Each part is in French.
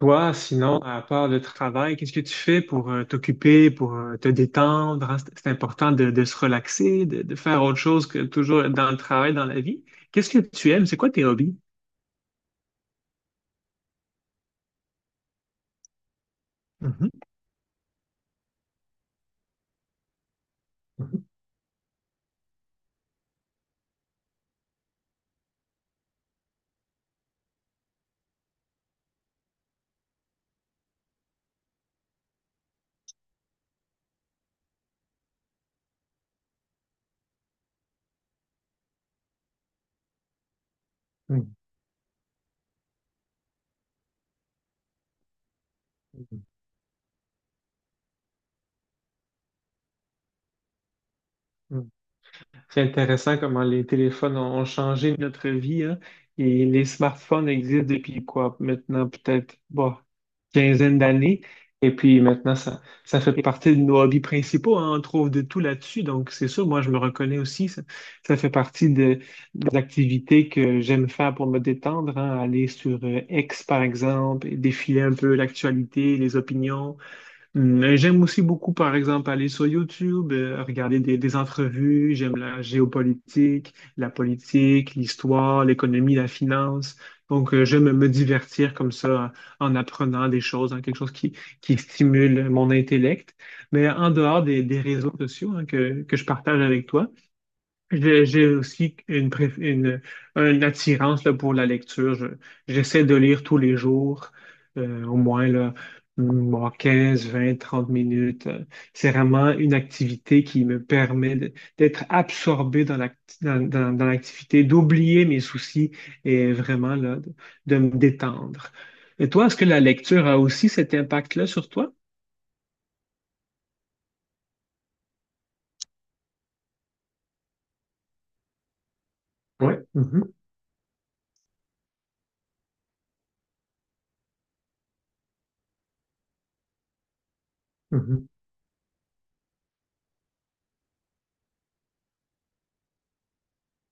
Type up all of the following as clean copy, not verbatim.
Toi, sinon, à part le travail, qu'est-ce que tu fais pour t'occuper, pour te détendre? Hein? C'est important de se relaxer, de faire autre chose que toujours être dans le travail, dans la vie. Qu'est-ce que tu aimes? C'est quoi tes hobbies? Mhm, mhm, mhm, mhm, mhm. C'est intéressant comment les téléphones ont changé notre vie, hein. Et les smartphones existent depuis quoi? Maintenant, peut-être, bon, quinzaine d'années. Et puis maintenant, ça fait partie de nos hobbies principaux, hein. On trouve de tout là-dessus. Donc, c'est sûr, moi, je me reconnais aussi. Ça fait partie de, des activités que j'aime faire pour me détendre, hein. Aller sur X, par exemple, et défiler un peu l'actualité, les opinions. Mm, et j'aime aussi beaucoup, par exemple, aller sur YouTube, regarder des entrevues. J'aime la géopolitique, la politique, l'histoire, l'économie, la finance. Donc, j'aime me divertir comme ça en apprenant des choses, hein, quelque chose qui stimule mon intellect. Mais en dehors des réseaux sociaux hein, que je partage avec toi, j'ai aussi une, une attirance là, pour la lecture. J'essaie de lire tous les jours, au moins là, mm, bon, 15 20 30 minutes. C'est vraiment une activité qui me permet d'être absorbé dans dans, dans l'activité, d'oublier mes soucis et vraiment là, de me détendre. Et toi, est-ce que la lecture a aussi cet impact-là sur toi? Oui. Mhm, mhm,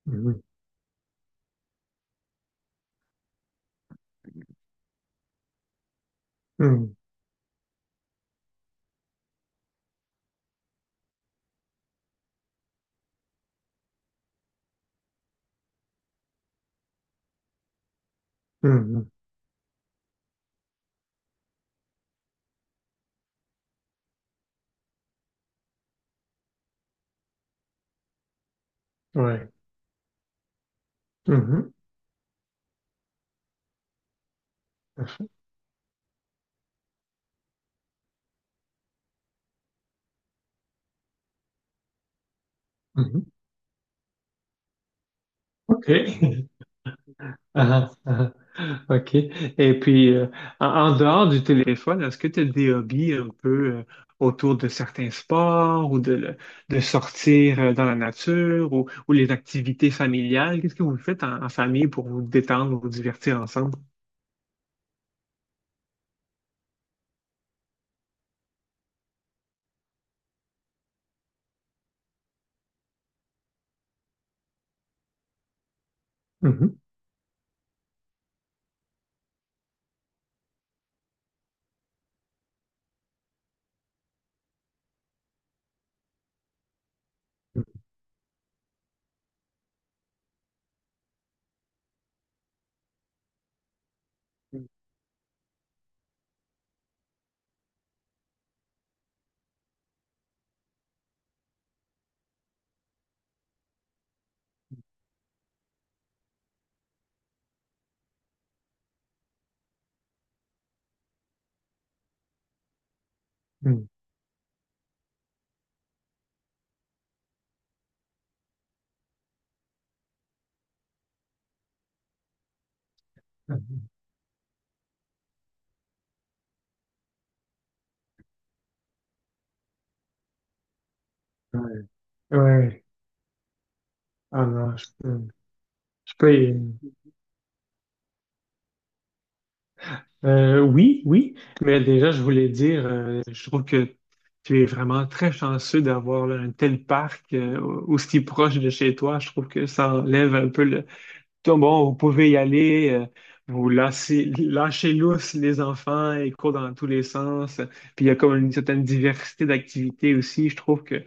mhm, mhm, mhm, ouais. Mhm, mhm. Mhm. OK. Ah, ah, ah, OK. Et puis, en, en dehors du téléphone, est-ce que tu as des hobbies un peu euh, autour de certains sports ou de, de sortir dans la nature ou les activités familiales? Qu'est-ce que vous faites en, en famille pour vous détendre, vous divertir ensemble? Mhm. Mhm. Ouais, ouais. Ah non, je peux, oui, oui, mais déjà, je voulais dire, je trouve que tu es vraiment très chanceux d'avoir là, un tel parc aussi proche de chez toi. Je trouve que ça enlève un peu le... Tout, bon, vous pouvez y aller, vous lâchez, lâchez lousse les enfants, ils courent dans tous les sens. Puis il y a comme une certaine diversité d'activités aussi. Je trouve que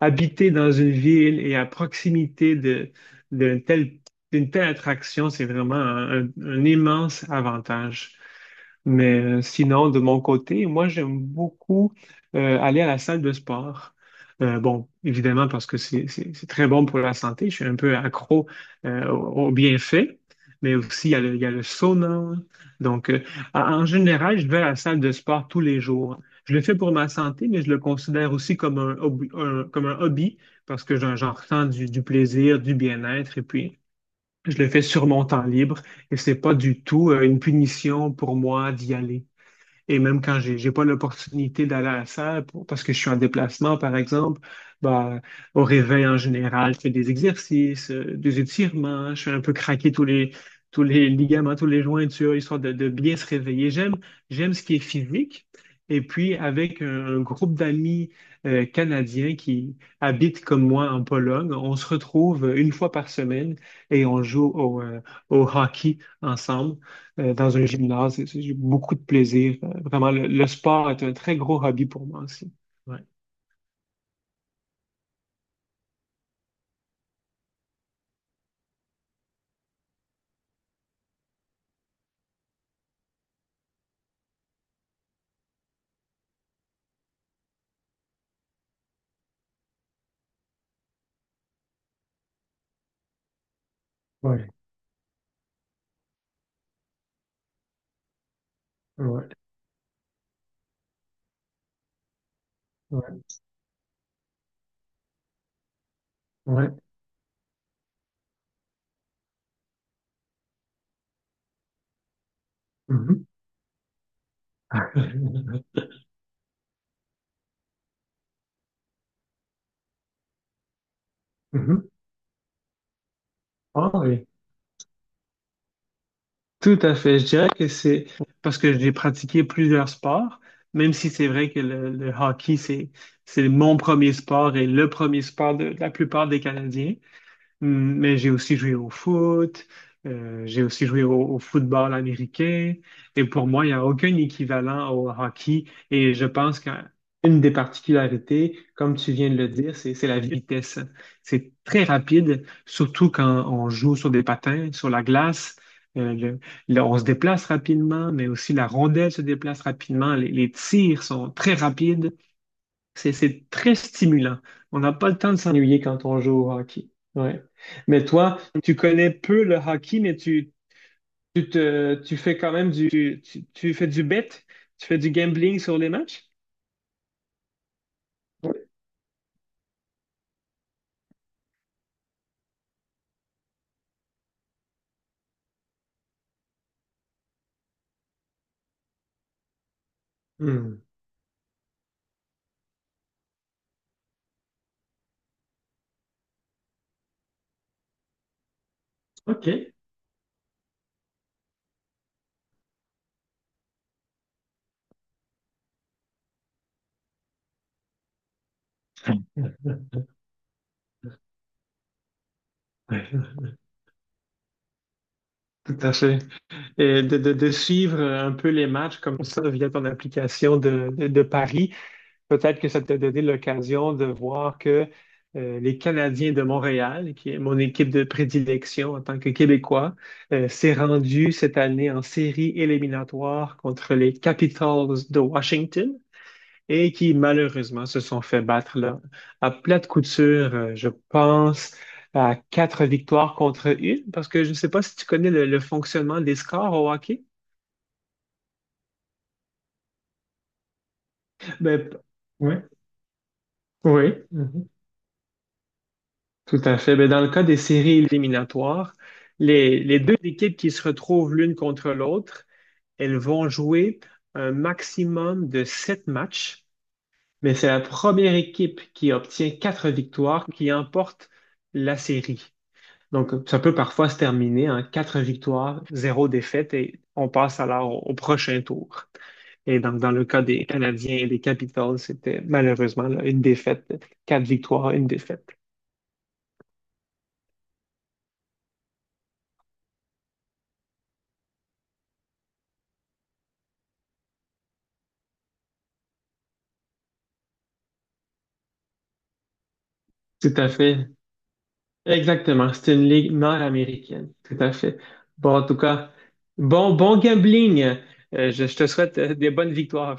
habiter dans une ville et à proximité de, d'un tel, d'une telle attraction, c'est vraiment un immense avantage. Mais sinon, de mon côté, moi, j'aime beaucoup aller à la salle de sport. Bon, évidemment, parce que c'est très bon pour la santé. Je suis un peu accro aux bienfaits. Mais aussi, il y a le, il y a le sauna. Donc, en général, je vais à la salle de sport tous les jours. Je le fais pour ma santé, mais je le considère aussi comme un, comme un hobby parce que j'en ressens du plaisir, du bien-être. Et puis, je le fais sur mon temps libre et c'est pas du tout une punition pour moi d'y aller. Et même quand j'ai pas l'opportunité d'aller à la salle parce que je suis en déplacement, par exemple, bah, au réveil en général, je fais des exercices, des étirements, je fais un peu craquer tous les ligaments, tous les jointures, histoire de bien se réveiller. J'aime, j'aime ce qui est physique. Et puis, avec un groupe d'amis canadiens qui habitent comme moi en Pologne, on se retrouve une fois par semaine et on joue au, au hockey ensemble dans un gymnase. J'ai beaucoup de plaisir. Vraiment, le sport est un très gros hobby pour moi aussi. Ouais. Ouais, ouais, ouais, ouais. Mhm. Mhm. Ah oui, tout à fait. Je dirais que c'est parce que j'ai pratiqué plusieurs sports, même si c'est vrai que le hockey, c'est mon premier sport et le premier sport de la plupart des Canadiens. Mais j'ai aussi joué au foot, j'ai aussi joué au, au football américain. Et pour moi, il n'y a aucun équivalent au hockey. Et je pense qu'une des particularités, comme tu viens de le dire, c'est la vitesse. C'est très rapide, surtout quand on joue sur des patins, sur la glace. Euh, le- on se déplace rapidement, mais aussi la rondelle se déplace rapidement. Les tirs sont très rapides. C'est très stimulant. On n'a pas le temps de s'ennuyer quand on joue au hockey. Ouais. Mais toi, tu connais peu le hockey, mais tu te, tu fais quand même du, tu fais du bet, tu fais du gambling sur les matchs? Oui. Hmm. OK. Tout à fait. Et de, de suivre un peu les matchs comme ça via ton application de paris. Peut-être que ça t'a donné l'occasion de voir que les Canadiens de Montréal, qui est mon équipe de prédilection en tant que Québécois, s'est rendu cette année en série éliminatoire contre les Capitals de Washington et qui malheureusement se sont fait battre là, à plate couture, je pense, à quatre victoires contre une, parce que je ne sais pas si tu connais le fonctionnement des scores au hockey. Ben, ouais. Oui. Oui. Tout à fait. Ben, dans le cas des séries éliminatoires, les deux équipes qui se retrouvent l'une contre l'autre, elles vont jouer un maximum de 7 matchs, mais c'est la première équipe qui obtient 4 victoires qui emporte la série. Donc, ça peut parfois se terminer en 4 victoires, 0 défaite, et on passe alors au, au prochain tour. Et donc, dans le cas des Canadiens et des Capitals, c'était malheureusement là, une défaite, 4 victoires, une défaite. Tout à fait. Exactement. C'est une ligue nord-américaine. Tout à fait. Bon, en tout cas, bon, bon gambling. Je te souhaite des bonnes victoires.